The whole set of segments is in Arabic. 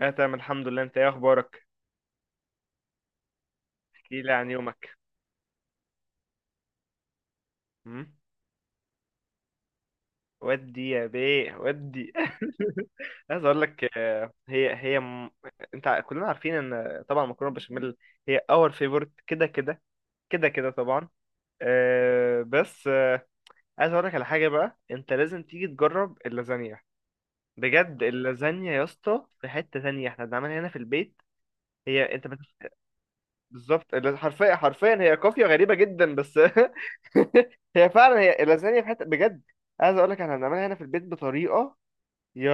اه تمام الحمد لله، انت ايه اخبارك؟ احكي لي عن يومك. مم؟ ودي يا بيه ودي. عايز اقول لك آه، هي انت كلنا عارفين ان طبعا مكرونه بشاميل هي اور فيفورت كده كده. كده كده طبعا. بس عايز اقول لك على حاجه بقى، انت لازم تيجي تجرب اللازانيا. بجد اللازانيا يا اسطى في حته تانية، احنا بنعملها هنا في البيت. هي انت بالظبط. حرفيا هي قافية غريبة جدا بس. هي فعلا هي اللازانيا في حتة بجد. عايز اقول لك احنا بنعملها هنا في البيت بطريقة، يا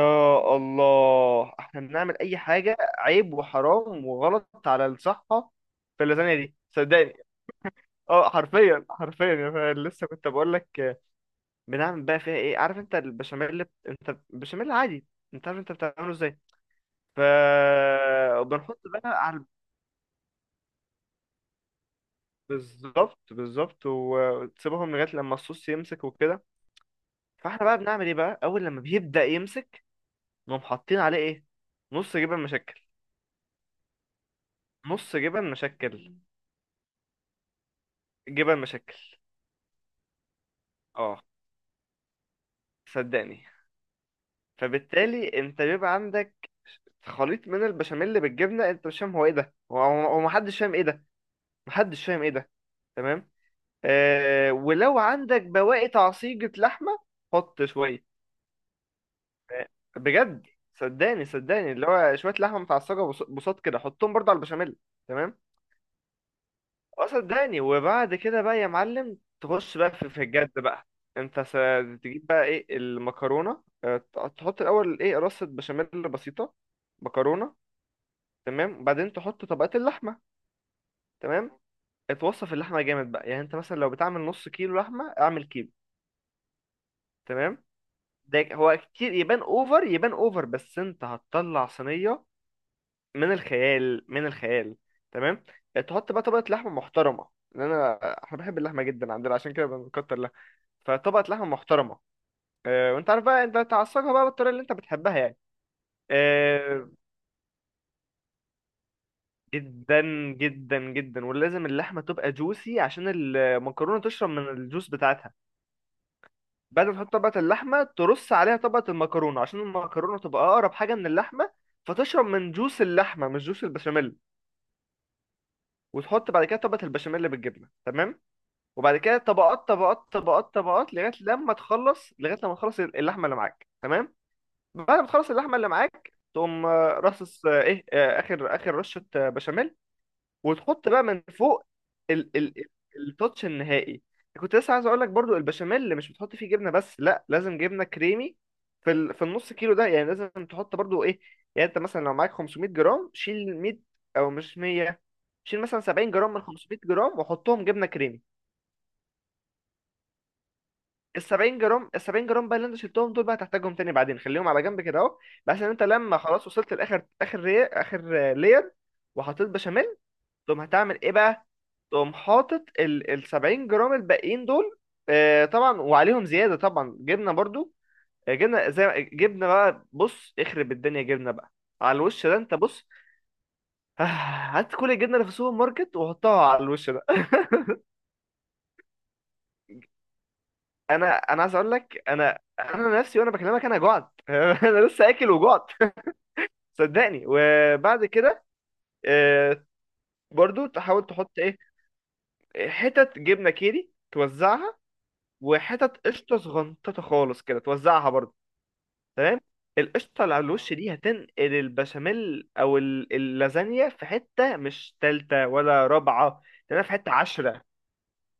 الله. احنا بنعمل اي حاجة عيب وحرام وغلط على الصحة في اللازانيا دي، صدقني. اه حرفيا يا فعلا. لسه كنت بقول لك. بنعمل بقى فيها ايه؟ عارف انت البشاميل، انت البشاميل عادي، انت عارف انت بتعمله ازاي. ف وبنحط بقى على، بالظبط بالظبط، وتسيبهم لغايه لما الصوص يمسك وكده. فاحنا بقى بنعمل ايه بقى اول لما بيبدا يمسك؟ نقوم حاطين عليه ايه؟ نص جبن مشكل. نص جبن مشكل. جبن مشكل. اه، صدقني. فبالتالي انت بيبقى عندك خليط من البشاميل بالجبنه، انت مش فاهم هو ايه ده. هو محدش فاهم ايه ده. محدش فاهم ايه ده. تمام. آه، ولو عندك بواقي تعصيجة لحمه، حط شويه. بجد صدقني صدقني، اللي هو شويه لحمه متعصجه، بساط كده حطهم برضه على البشاميل. تمام. اه صدقني. وبعد كده بقى يا معلم، تخش بقى في الجد بقى. انت س- تجيب بقى ايه المكرونه، تحط الاول ايه، رصه بشاميل بسيطه، مكرونه. تمام، وبعدين تحط طبقات اللحمه. تمام. اتوصف اللحمه جامد بقى، يعني انت مثلا لو بتعمل نص كيلو لحمه اعمل كيلو. تمام. ده هو كتير، يبان اوفر يبان اوفر، بس انت هتطلع صينيه من الخيال، من الخيال. تمام. آه، تحط بقى طبقة لحمة محترمة، لأن أنا، احنا بنحب اللحمة جدا عندنا عشان كده بنكتر لها. فطبقة لحمة محترمة. آه، وانت عارف بقى انت تعصجها بقى بالطريقة اللي انت بتحبها يعني. آه، جدا جدا جدا، ولازم اللحمة تبقى جوسي عشان المكرونة تشرب من الجوس بتاعتها. بعد ما تحط طبقة اللحمة، ترص عليها طبقة المكرونة، عشان المكرونة تبقى أقرب حاجة من اللحمة فتشرب من جوس اللحمة مش جوس البشاميل. وتحط بعد كده طبقة البشاميل بالجبنة. تمام. وبعد كده طبقات طبقات طبقات طبقات لغايه لما تخلص، لغايه لما تخلص اللحمه اللي معاك. تمام. بعد ما تخلص اللحمه اللي معاك، تقوم آه، رصص آه، ايه آه، اخر اخر رشه آه، بشاميل. وتحط بقى من فوق، ال ال ال- التوتش النهائي. كنت لسه عايز اقول لك، برضو البشاميل اللي مش بتحط فيه جبنه، بس لا، لازم جبنه كريمي. في في النص كيلو ده يعني، لازم تحط برضو ايه؟ يعني انت مثلا لو معاك 500 جرام، شيل 100، او مش 100، شيل مثلا 70 جرام من 500 جرام وحطهم جبنه كريمي. ال 70 جرام، ال 70 جرام بقى اللي انت شلتهم دول بقى، هتحتاجهم تاني بعدين، خليهم على جنب كده اهو. بحيث ان انت لما خلاص وصلت اخر لير وحطيت بشاميل، تقوم هتعمل ايه بقى؟ تقوم حاطط ال ال 70 جرام الباقيين دول. آه طبعا، وعليهم زياده طبعا جبنه برضو. آه، جبنه زي جبنه بقى، بص اخرب الدنيا جبنه بقى على الوش ده، انت بص. هات كل الجبنه اللي في السوبر ماركت وحطها على الوش ده. انا عايز اقول لك، انا نفسي وانا بكلمك انا جعت. انا لسه اكل وجعت. صدقني. وبعد كده آه، برضو تحاول تحط ايه، حتت جبنه كيري توزعها، وحتت قشطه صغنططه خالص كده توزعها برضو. تمام. القشطه اللي على الوش دي هتنقل البشاميل او اللازانيا في حته مش تالته ولا رابعه. تمام، في حته عشرة،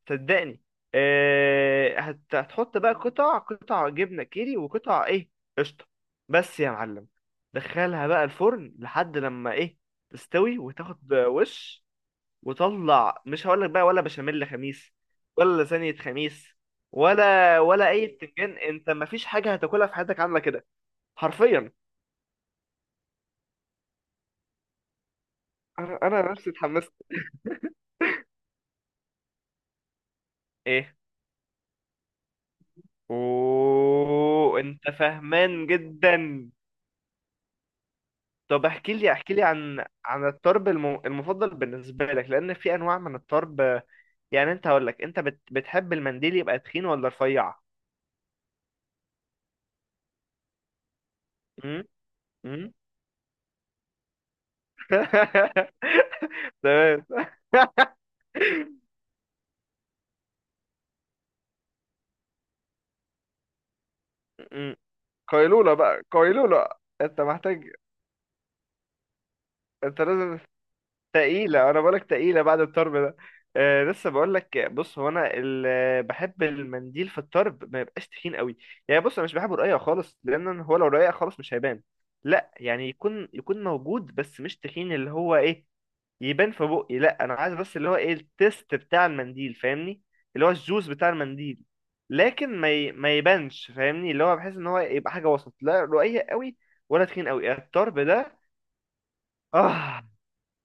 صدقني. آه، هتحط بقى قطع قطع جبنة كيري، وقطع ايه، قشطة. بس يا معلم، دخلها بقى الفرن لحد لما ايه، تستوي وتاخد وش، وطلع. مش هقولك بقى ولا بشاميل خميس ولا لازانية خميس، ولا ولا اي بتنجان. انت مفيش حاجة هتاكلها في حياتك عاملة كده، حرفيا. انا نفسي اتحمست. ايه؟ اوه، انت فاهمان جدا. طب احكي لي احكي لي عن الطرب المفضل بالنسبة لك، لأن في أنواع من الطرب. يعني أنت، هقول لك أنت بتحب المنديل يبقى تخين ولا رفيع؟ أمم؟ أمم؟ تمام. أمم. قيلولة بقى، قيلولة. أنت محتاج. أنت لازم. تقيلة، أنا بقولك تقيلة بعد الطرب ده. آه، لسه بقولك، بص، هو أنا بحب المنديل في الطرب ما يبقاش تخين قوي. يعني بص، أنا مش بحبه رقيق خالص، لأن هو لو رقيق خالص مش هيبان. لا يعني، يكون يكون موجود بس مش تخين، اللي هو إيه، يبان في بقي. لا، أنا عايز بس اللي هو إيه، التيست بتاع المنديل، فاهمني، اللي هو الجوز بتاع المنديل. لكن ما يبانش، فاهمني، اللي هو بحس إن هو يبقى حاجة وسط، لا رقيق قوي ولا تخين قوي الطرب ده. آه.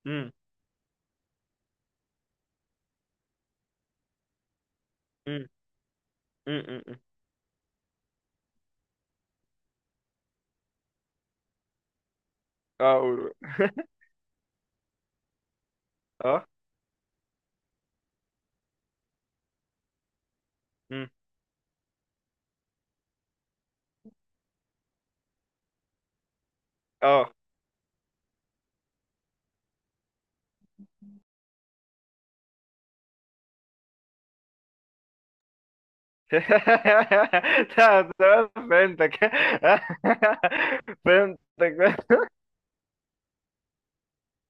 مم. مم. اه قول. اه. مم. اه. تمام تمام، فهمتك. فهمتك.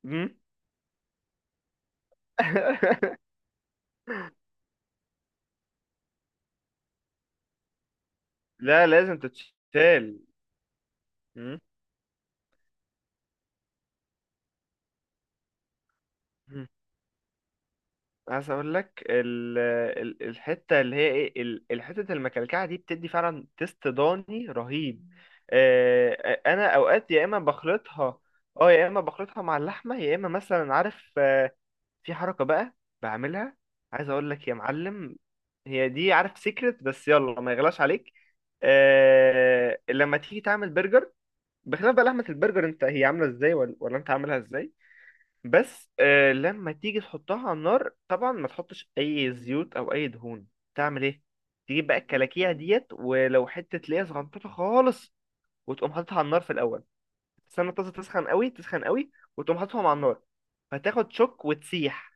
مم. لا لازم تتشال. مم. مم. عايز اقول لك الحته اللي هي ايه، الحته المكلكعه دي بتدي فعلا تيست ضاني رهيب. آه، آه، انا اوقات يا اما بخلطها، اه يا اما بخلطها مع اللحمه، يا اما مثلا عارف آه، في حركة بقى بعملها. عايز اقول لك يا معلم، هي دي عارف سيكرت، بس يلا ما يغلاش عليك. آه، لما تيجي تعمل برجر، بخلاف بقى لحمة البرجر انت هي عاملة ازاي ولا انت عاملها ازاي، بس آه لما تيجي تحطها على النار، طبعا ما تحطش اي زيوت او اي دهون. تعمل ايه؟ تجيب بقى الكلاكيع ديت، ولو حتة ليا صغنطوطة خالص، وتقوم حاططها على النار في الاول. تستنى الطاسة تسخن قوي تسخن قوي، وتقوم حاططهم على النار. فتاخد شوك وتسيح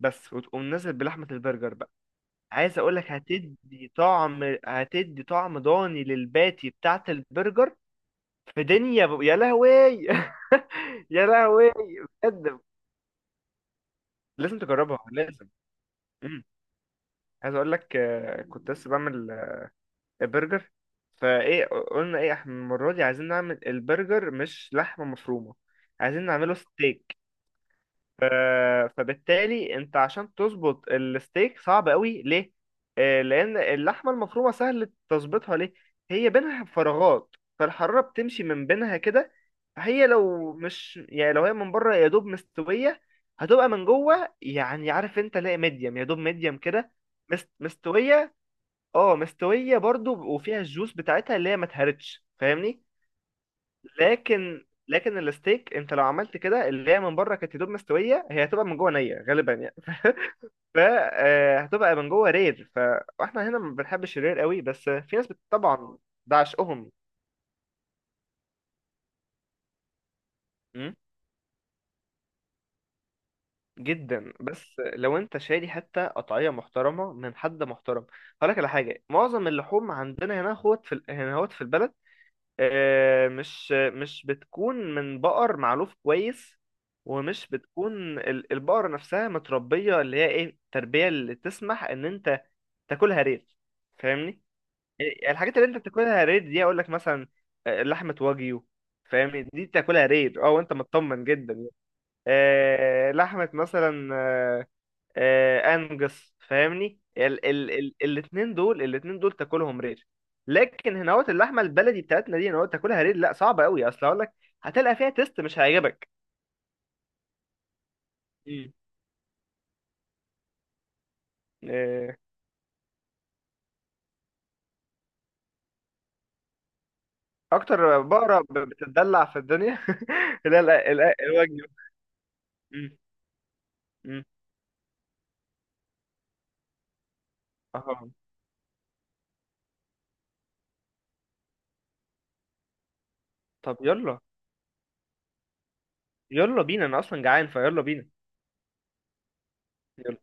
بس، وتقوم نازل بلحمة البرجر بقى. عايز اقولك هتدي طعم، هتدي طعم ضاني للباتي بتاعة البرجر. في دنيا يا لهوي. يا لهوي. بجد لازم تجربها، لازم. مم. عايز اقولك آه، كنت لسه بعمل آه، برجر. فايه، قلنا ايه، احنا المرة دي عايزين نعمل البرجر مش لحمة مفرومة، عايزين نعمله ستيك. ف- فبالتالي انت، عشان تظبط الستيك صعب قوي ليه؟ آه، لان اللحمه المفرومه سهل تظبطها ليه؟ هي بينها فراغات، فالحراره بتمشي من بينها كده. هي لو مش، يعني لو هي من بره يا دوب مستويه، هتبقى من جوه يعني عارف انت، لا ميديم يا دوب ميديم كده. مستويه. اه مستويه برضو، وفيها الجوس بتاعتها اللي هي ما اتهرتش، فاهمني. لكن الستيك انت لو عملت كده اللي هي من بره كانت يا دوب مستويه، هي هتبقى من جوه نيه غالبا يعني. فهتبقى من جوه رير، فاحنا هنا ما بنحبش الرير قوي، بس في ناس طبعا ده عشقهم. م؟ جدا. بس لو انت شاري حتى قطعيه محترمه من حد محترم، هقول لك على حاجه، معظم اللحوم عندنا هنا هوت، في هنا هوت في البلد، آه، مش بتكون من بقر معلوف كويس، ومش بتكون البقرة نفسها متربية، اللي هي ايه، التربية اللي تسمح ان انت تاكلها ريد، فاهمني. إيه، الحاجات اللي انت بتاكلها ريد دي، اقول لك مثلا آه، لحمة واجيو، فاهمني، دي تاكلها ريد اه وانت مطمن جدا. آه، لحمة مثلا آه، آه، انجس، فاهمني، ال ال ال الاتنين دول، الاتنين دول تاكلهم رير. لكن هنا اللحمه البلدي بتاعتنا دي هنا تاكلها رير، لا صعبه قوي، اصل هقول لك، هتلقى فيها تيست مش هيعجبك. مم. آه، اكتر بقره بتتدلع في الدنيا. لا لا لا، الوجبه. مم، مم. اه طب يلا، يلا بينا انا اصلا جعان، فيلا بينا. يلا،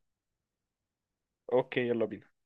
اوكي يلا بينا.